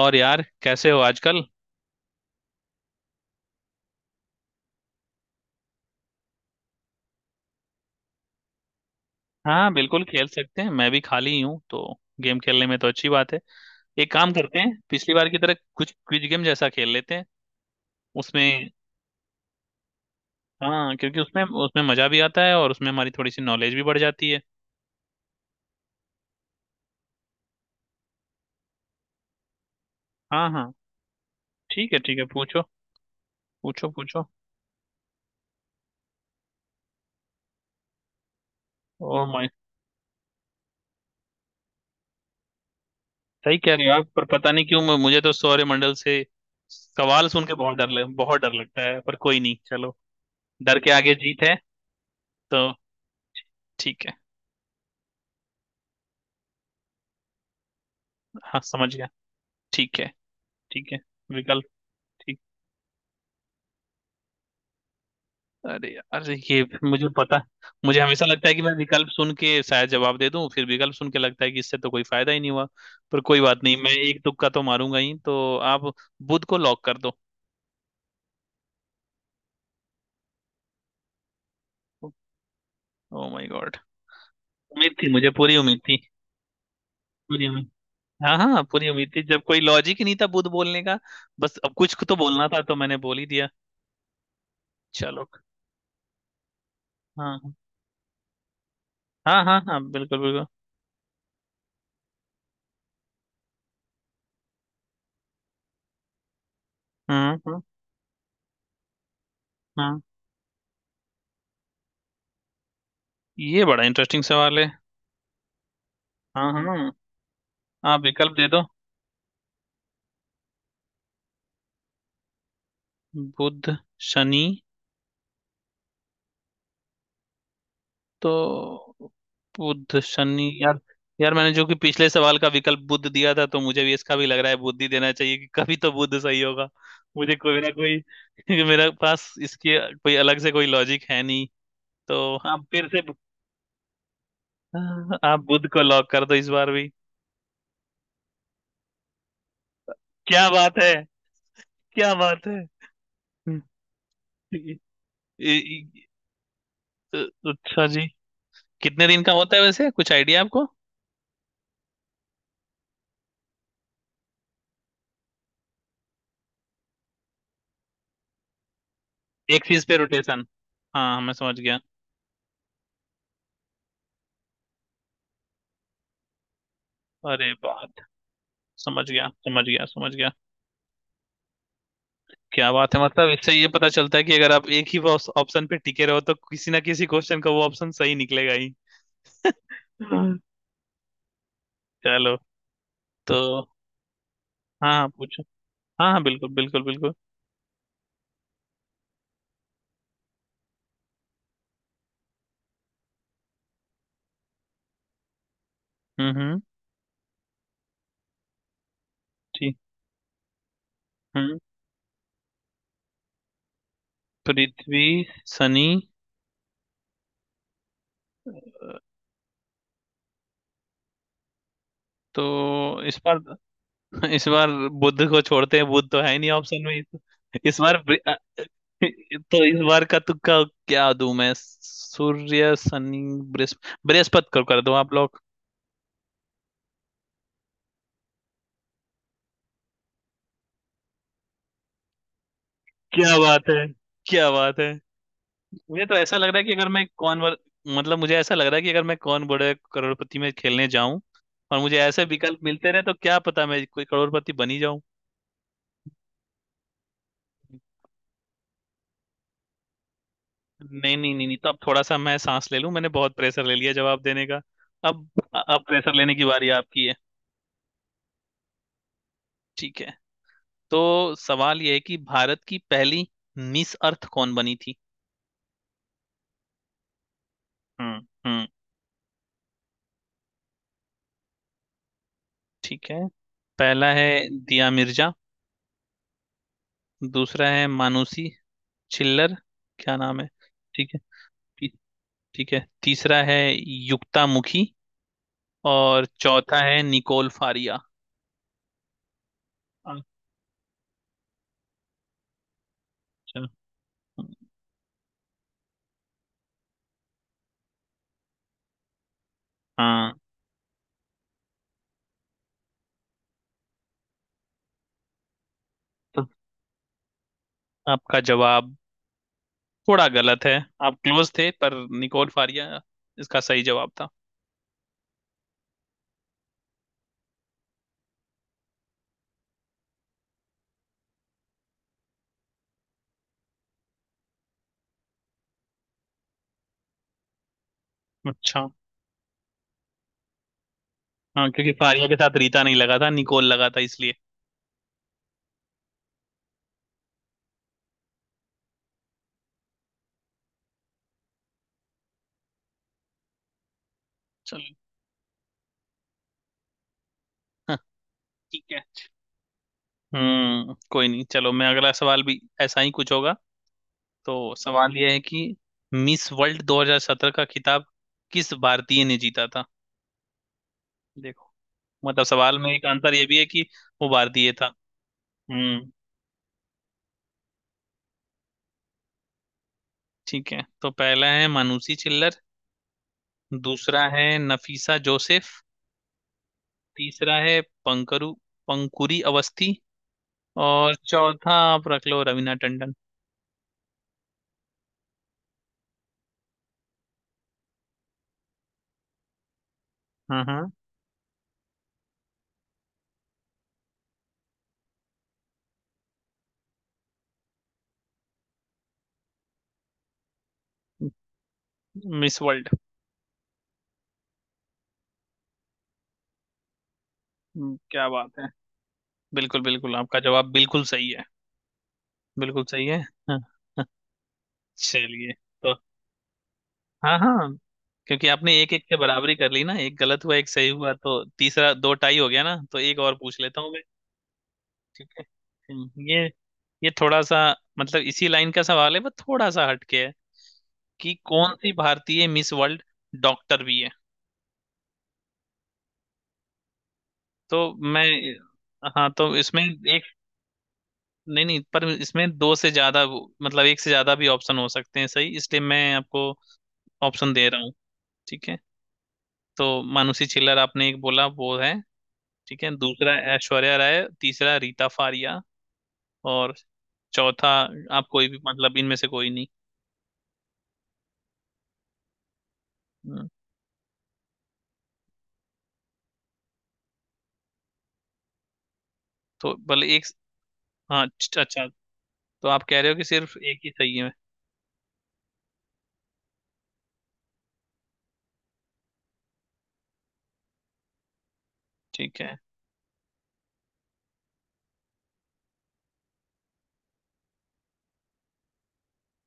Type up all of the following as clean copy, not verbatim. और यार कैसे हो आजकल। हाँ बिल्कुल खेल सकते हैं। मैं भी खाली ही हूँ तो गेम खेलने में तो अच्छी बात है। एक काम करते हैं, पिछली बार की तरह कुछ क्विज गेम जैसा खेल लेते हैं उसमें। हाँ क्योंकि उसमें उसमें मजा भी आता है और उसमें हमारी थोड़ी सी नॉलेज भी बढ़ जाती है। हाँ हाँ, ठीक है। ठीक है, पूछो। पूछो पूछो। ओ माय, सही कह रहे हो आप, पर पता नहीं क्यों मुझे तो सौरमंडल से सवाल सुन के बहुत डर लगता है, पर कोई नहीं, चलो। डर के आगे जीत है। तो ठीक है। हाँ समझ गया। ठीक है ठीक है। विकल्प। ठीक। अरे यार ये, मुझे पता। मुझे हमेशा लगता है कि मैं विकल्प सुन के शायद जवाब दे दूं, फिर विकल्प सुन के लगता है कि इससे तो कोई फायदा ही नहीं हुआ। पर कोई बात नहीं, मैं एक तुक्का तो मारूंगा ही। तो आप बुध को लॉक कर दो। ओ माय गॉड, उम्मीद थी, मुझे पूरी उम्मीद थी। पूरी उम्मीद। हाँ हाँ, पूरी उम्मीद थी, जब कोई लॉजिक ही नहीं था बुध बोलने का। बस अब कुछ तो बोलना था तो मैंने बोल ही दिया। चलो। हाँ हाँ हाँ हाँ, बिल्कुल बिल्कुल। हम्म हम्म हम्म। ये बड़ा इंटरेस्टिंग सवाल है। हाँ हाँ, आप विकल्प दे दो। बुध शनि, तो बुध शनि यार। यार मैंने जो कि पिछले सवाल का विकल्प बुध दिया था, तो मुझे भी इसका भी लग रहा है बुध ही देना चाहिए कि कभी तो बुध सही होगा। मुझे कोई ना कोई मेरे पास इसकी कोई अलग से कोई लॉजिक है नहीं। तो आप फिर से आप बुध को लॉक कर दो इस बार भी। क्या बात है। क्या बात है हम्म, इ- इ- इ- अच्छा जी, कितने दिन का होता है वैसे, कुछ आइडिया आपको? एक चीज पे रोटेशन, हाँ मैं समझ गया। अरे वाह, समझ गया समझ गया समझ गया। क्या बात है, मतलब इससे ये पता चलता है कि अगर आप एक ही ऑप्शन पे टिके रहो तो किसी ना किसी क्वेश्चन का वो ऑप्शन सही निकलेगा ही। हाँ। चलो। तो हाँ हाँ, पूछो। हाँ हाँ, बिल्कुल बिल्कुल बिल्कुल। हम्म। ठीक। हम्म। पृथ्वी शनि। तो इस बार, इस बार बुध को छोड़ते हैं, बुध तो है ही नहीं ऑप्शन में इस, इस बार बृ- तो इस बार का तुक्का क्या दूं मैं? सूर्य शनि, बृहस्पति को कर दो आप लोग। क्या बात है, क्या बात है। मुझे तो ऐसा लग रहा है कि अगर मैं कौन वर... मतलब मुझे ऐसा लग रहा है कि अगर मैं कौन बड़े करोड़पति में खेलने जाऊं और मुझे ऐसे विकल्प मिलते रहे तो क्या पता मैं कोई करोड़पति बन ही जाऊं। नहीं नहीं नहीं नहीं, तो अब थोड़ा सा मैं सांस ले लूं, मैंने बहुत प्रेशर ले लिया जवाब देने का। अब अब प्रेशर लेने की बारी आपकी है। ठीक है, तो सवाल ये है कि भारत की पहली मिस अर्थ कौन बनी थी। हम्म हम्म। ठीक है, पहला है दिया मिर्जा, दूसरा है मानुषी चिल्लर, क्या नाम है। ठीक है, ती- ठीक है, तीसरा है युक्ता मुखी, और चौथा है निकोल फारिया। अच्छा हाँ, तो आपका जवाब थोड़ा गलत है। आप क्लोज थे, पर निकोल फारिया इसका सही जवाब था। अच्छा हाँ, क्योंकि फारिया के साथ रीता नहीं लगा था, निकोल लगा था, इसलिए। चलो। हाँ, ठीक है। हम्म, कोई नहीं, चलो मैं अगला सवाल भी ऐसा ही कुछ होगा। तो सवाल यह है कि मिस वर्ल्ड 2017 का खिताब किस भारतीय ने जीता था। देखो, मतलब सवाल में एक आंसर ये भी है कि वो भारतीय था। हम्म। ठीक है, तो पहला है मानुषी चिल्लर, दूसरा है नफीसा जोसेफ, तीसरा है पंकरू पंकुरी अवस्थी, और चौथा आप रख लो रवीना टंडन। हाँ हाँ मिस वर्ल्ड। क्या बात है, बिल्कुल बिल्कुल, आपका जवाब बिल्कुल सही है, बिल्कुल सही है। हाँ, हाँ, चलिए। तो हाँ हाँ, क्योंकि आपने एक एक से बराबरी कर ली ना, एक गलत हुआ एक सही हुआ, तो तीसरा दो टाई हो गया ना, तो एक और पूछ लेता हूँ। ठीक है। हम्म, ये ये थोड़ा सा, मतलब इसी लाइन का सवाल है बट थोड़ा सा हटके है, कि कौन सी भारतीय मिस वर्ल्ड डॉक्टर भी है। तो मैं, हाँ तो इसमें एक, नहीं नहीं, पर इसमें दो से ज्यादा वो- मतलब एक से ज्यादा भी ऑप्शन हो सकते हैं सही, इसलिए मैं आपको ऑप्शन दे रहा हूँ। ठीक है, तो मानुषी छिल्लर आपने एक बोला वो है, ठीक है, दूसरा ऐश्वर्या राय, तीसरा रीता फारिया, और चौथा आप कोई भी, मतलब इनमें से कोई नहीं। हम्म, तो भले एक, हाँ अच्छा। तो आप कह रहे हो कि सिर्फ एक ही सही है? ठीक है।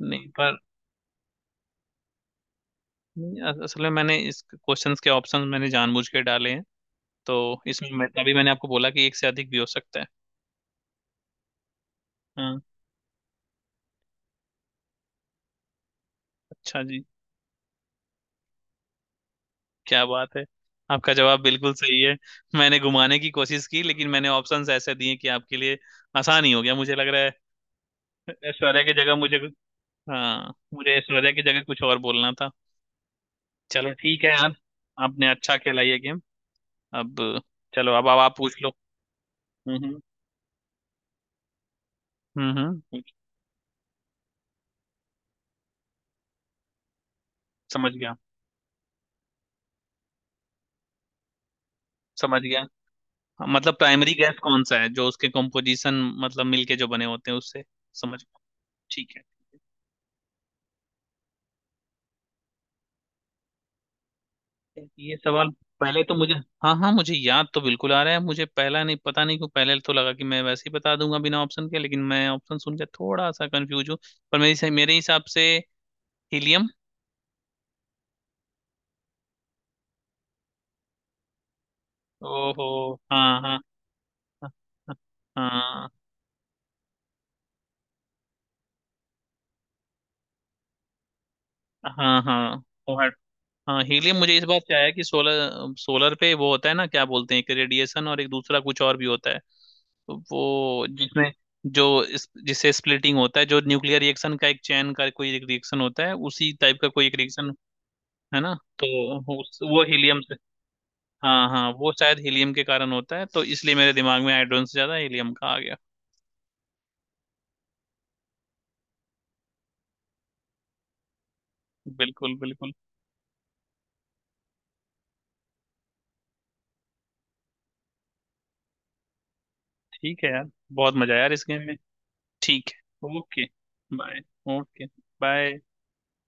नहीं पर नहीं, अस- असल में मैंने इस क्वेश्चंस के ऑप्शन मैंने जानबूझ के डाले हैं। तो इसमें मैं तभी मैंने आपको बोला कि एक से अधिक भी हो सकता है। हाँ अच्छा जी। क्या बात है, आपका जवाब बिल्कुल सही है। मैंने घुमाने की कोशिश की, लेकिन मैंने ऑप्शंस ऐसे दिए कि आपके लिए आसान ही हो गया मुझे लग रहा है। ऐश्वर्या की जगह मुझे कुछ, हाँ मुझे ऐश्वर्या की जगह कुछ और बोलना था। चलो ठीक है यार, आपने अच्छा खेला ये गेम। अब, चलो अब आप पूछ लो। हम्म हम्म हम्म हम्म। समझ गया समझ गया, मतलब प्राइमरी गैस कौन सा है जो उसके कंपोजिशन, मतलब मिलके जो बने होते हैं उससे। समझ गया। ठीक है ठीक है। ये सवाल, पहले तो मुझे, हाँ हाँ मुझे याद तो बिल्कुल आ रहा है, मुझे पहला, नहीं पता नहीं क्यों पहले तो लगा कि मैं वैसे ही बता दूंगा बिना ऑप्शन के, लेकिन मैं ऑप्शन सुन के थोड़ा सा कंफ्यूज हूँ। पर मेरे हिसाब से हीलियम। ओहो, हाँ हाँ हाँ हाँ, हाँ हाँ। हाँ, हाँ हीलियम मुझे इस बात से आया कि सोलर सोलर पे वो होता है ना, क्या बोलते हैं, एक रेडिएशन और एक दूसरा कुछ और भी होता है। तो वो जिसमें, जिससे स्प्लिटिंग होता है, जो न्यूक्लियर रिएक्शन का एक चैन का कोई एक रिएक्शन होता है, उसी टाइप का कोई एक रिएक्शन है ना, तो वो हीलियम से। हाँ हाँ वो शायद हीलियम के कारण होता है, तो इसलिए मेरे दिमाग में हाइड्रोजन से ज्यादा हीलियम का आ गया। बिल्कुल बिल्कुल। ठीक है यार, बहुत मजा आया यार इस गेम में। ठीक है, ओके। बाय। ओके। बाय।